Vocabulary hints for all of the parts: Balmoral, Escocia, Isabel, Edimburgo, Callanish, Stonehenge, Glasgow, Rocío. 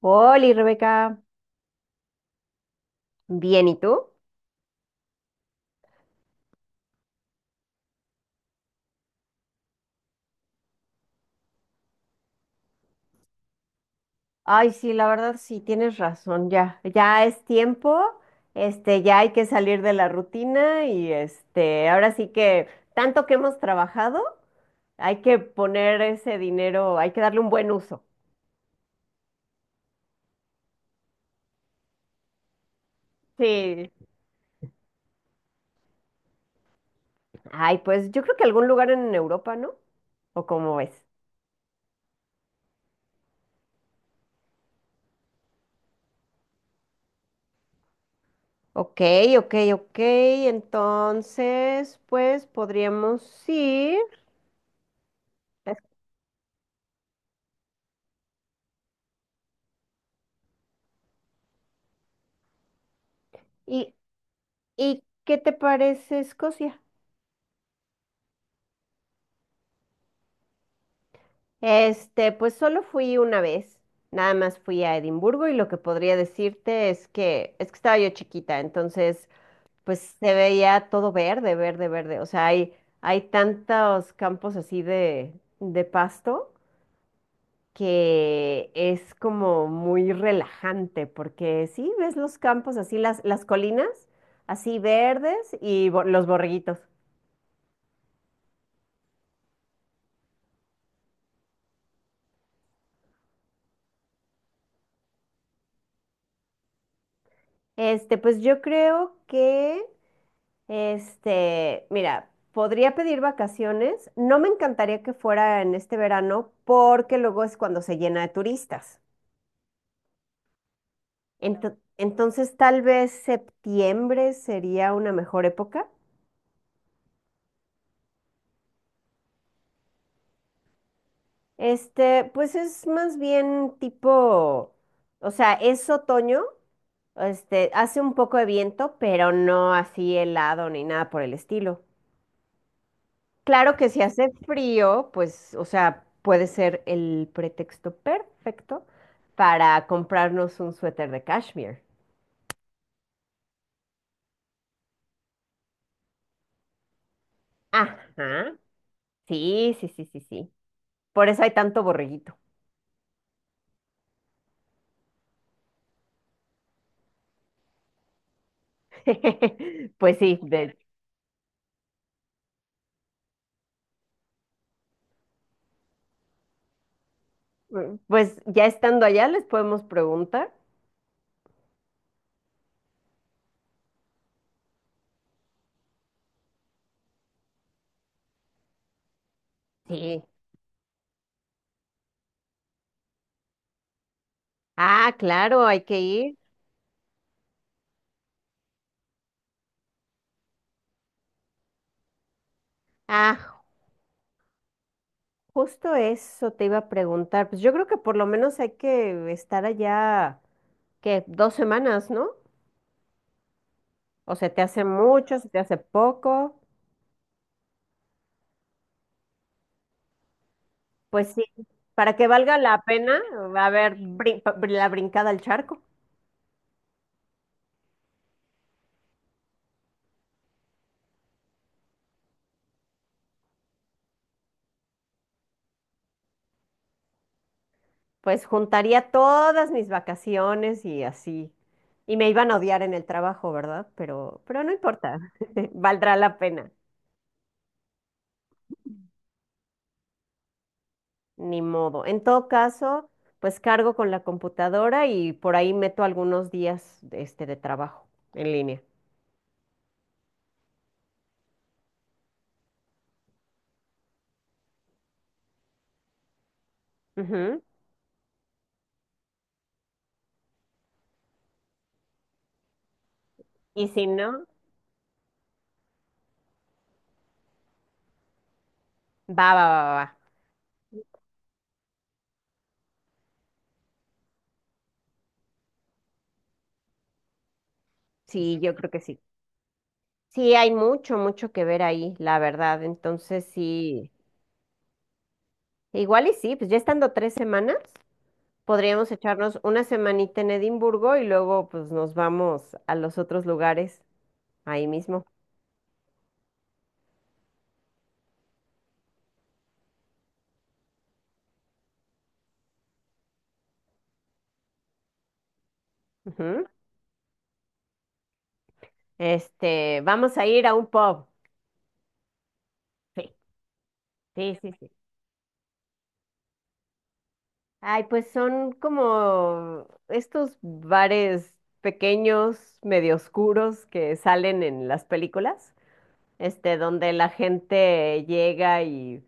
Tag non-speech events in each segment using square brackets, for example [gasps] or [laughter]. Hola, Rebeca. Bien, ¿y tú? Ay, sí, la verdad sí, tienes razón, ya, ya es tiempo, ya hay que salir de la rutina y ahora sí que tanto que hemos trabajado, hay que poner ese dinero, hay que darle un buen uso. Sí. Ay, pues yo creo que algún lugar en Europa, ¿no? ¿O cómo ves? Ok, ok, ok, entonces, pues podríamos ir. ¿Y, y qué te parece Escocia? Pues solo fui una vez, nada más fui a Edimburgo y lo que podría decirte es que estaba yo chiquita, entonces pues se veía todo verde, verde, verde, o sea, hay tantos campos así de pasto que es como muy relajante porque sí, ves los campos así las colinas así verdes y los borreguitos. Pues yo creo que mira, podría pedir vacaciones. No me encantaría que fuera en este verano porque luego es cuando se llena de turistas. Entonces, tal vez septiembre sería una mejor época. Pues es más bien tipo, o sea, es otoño, hace un poco de viento, pero no así helado ni nada por el estilo. Claro que si hace frío, pues, o sea, puede ser el pretexto perfecto para comprarnos un suéter de cashmere. Ajá. Sí, sí, sí, sí, sí. Por eso hay tanto borreguito. [laughs] Pues sí, pues ya estando allá les podemos preguntar. Sí. Ah, claro, hay que ir. Ah, justo eso te iba a preguntar. Pues yo creo que por lo menos hay que estar allá, ¿qué? 2 semanas, ¿no? O se te hace mucho, se te hace poco. Pues sí, para que valga la pena, a ver, la brincada al charco, pues juntaría todas mis vacaciones y así. Y me iban a odiar en el trabajo, ¿verdad? Pero no importa, [laughs] valdrá la pena, ni modo. En todo caso, pues cargo con la computadora y por ahí meto algunos días de trabajo en línea. Ujú. Y si no, va, va, va, va. Va. Sí, yo creo que sí. Sí, hay mucho, mucho que ver ahí, la verdad. Entonces, sí, igual y sí, pues ya estando 3 semanas, podríamos echarnos una semanita en Edimburgo y luego pues nos vamos a los otros lugares ahí mismo. Ujú. Este, vamos a ir a un pub. Sí, sí, sí, sí. Ay, pues son como estos bares pequeños, medio oscuros que salen en las películas, donde la gente llega y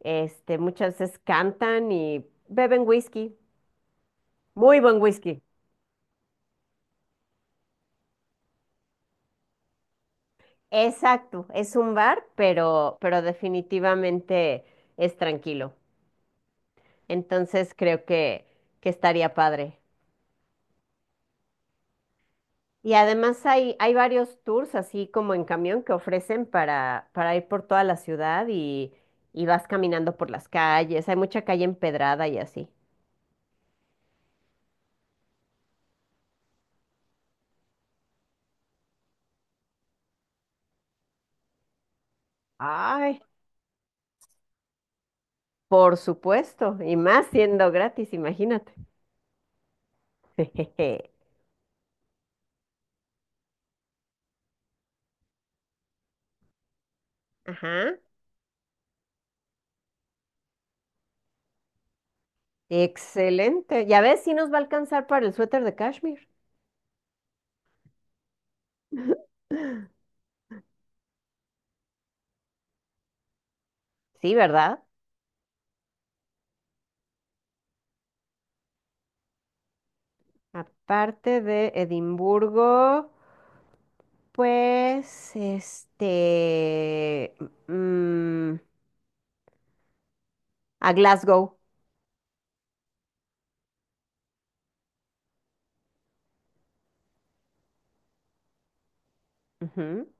Muchas veces cantan y beben whisky, muy buen whisky. Exacto, es un bar, pero definitivamente es tranquilo. Entonces creo que estaría padre. Y además hay, hay varios tours, así como en camión, que ofrecen para ir por toda la ciudad y vas caminando por las calles. Hay mucha calle empedrada y así. Ay, por supuesto, y más siendo gratis, imagínate. [laughs] Ajá. Excelente. Ya ves, si nos va a alcanzar para el suéter de cashmere. [gasps] Sí, ¿verdad? Aparte de Edimburgo, pues, mm, a Glasgow. Ujú.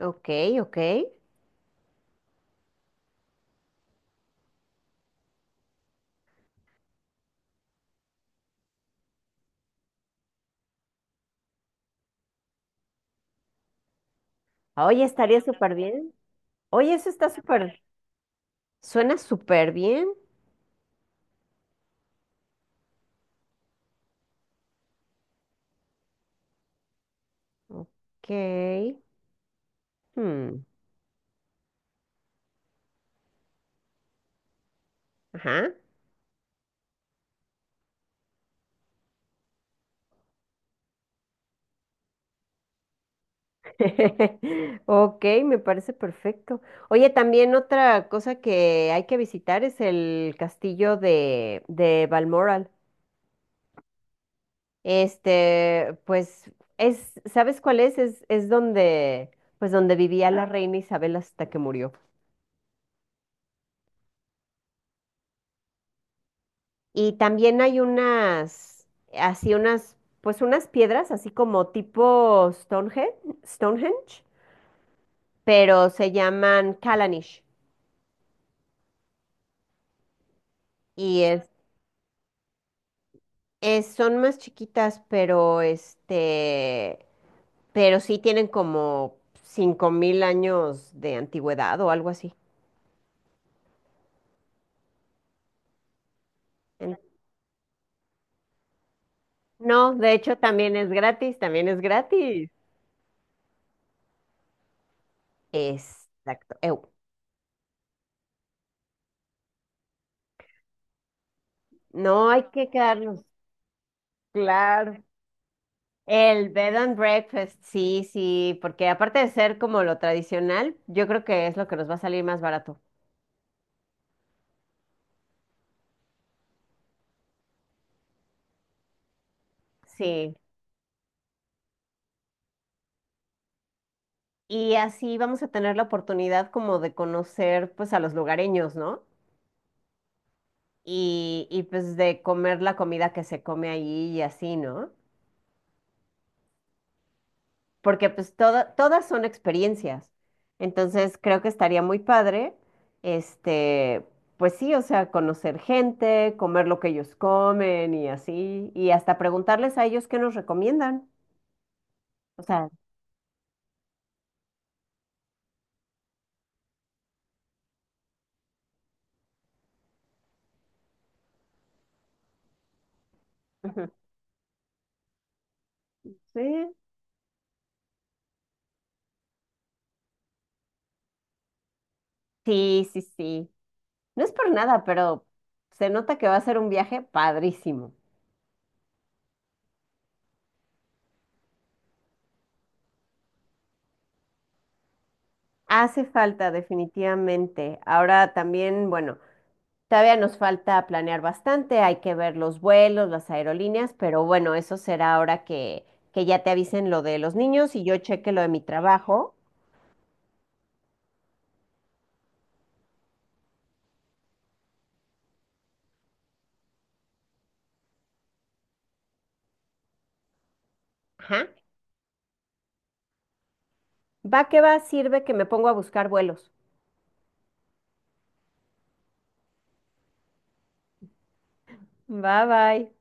Ok, ok. Oye, estaría súper bien. Oye, eso está súper, suena súper bien. Ok. hmm, Ajá. [laughs] Ok, me parece perfecto. Oye, también otra cosa que hay que visitar es el castillo de Balmoral. Pues, es, ¿sabes cuál es? Es donde, pues, donde vivía la reina Isabel hasta que murió. Y también hay unas, así unas, pues unas piedras, así como tipo Stonehenge, Stonehenge, pero se llaman Callanish. Y es son más chiquitas, pero pero sí tienen como 5.000 años de antigüedad o algo así. En- No, de hecho también es gratis, también es gratis. Exacto. No hay que quedarnos, claro. El bed and breakfast, sí, sí, porque aparte de ser como lo tradicional, yo creo que es lo que nos va a salir más barato. Sí. Y así vamos a tener la oportunidad como de conocer pues a los lugareños, ¿no? Y, y pues de comer la comida que se come allí y así, ¿no? Porque pues todas son experiencias. Entonces creo que estaría muy padre, este, pues sí, o sea, conocer gente, comer lo que ellos comen y así, y hasta preguntarles a ellos qué nos recomiendan. O sea, ujú. Sí, sí, sí, sí. No es por nada, pero se nota que va a ser un viaje padrísimo. Hace falta, definitivamente. Ahora también, bueno. Todavía nos falta planear bastante, hay que ver los vuelos, las aerolíneas, pero bueno, eso será ahora que ya te avisen lo de los niños y yo cheque lo de mi trabajo. Ajá. Va que va, sirve que me pongo a buscar vuelos. Bye bye.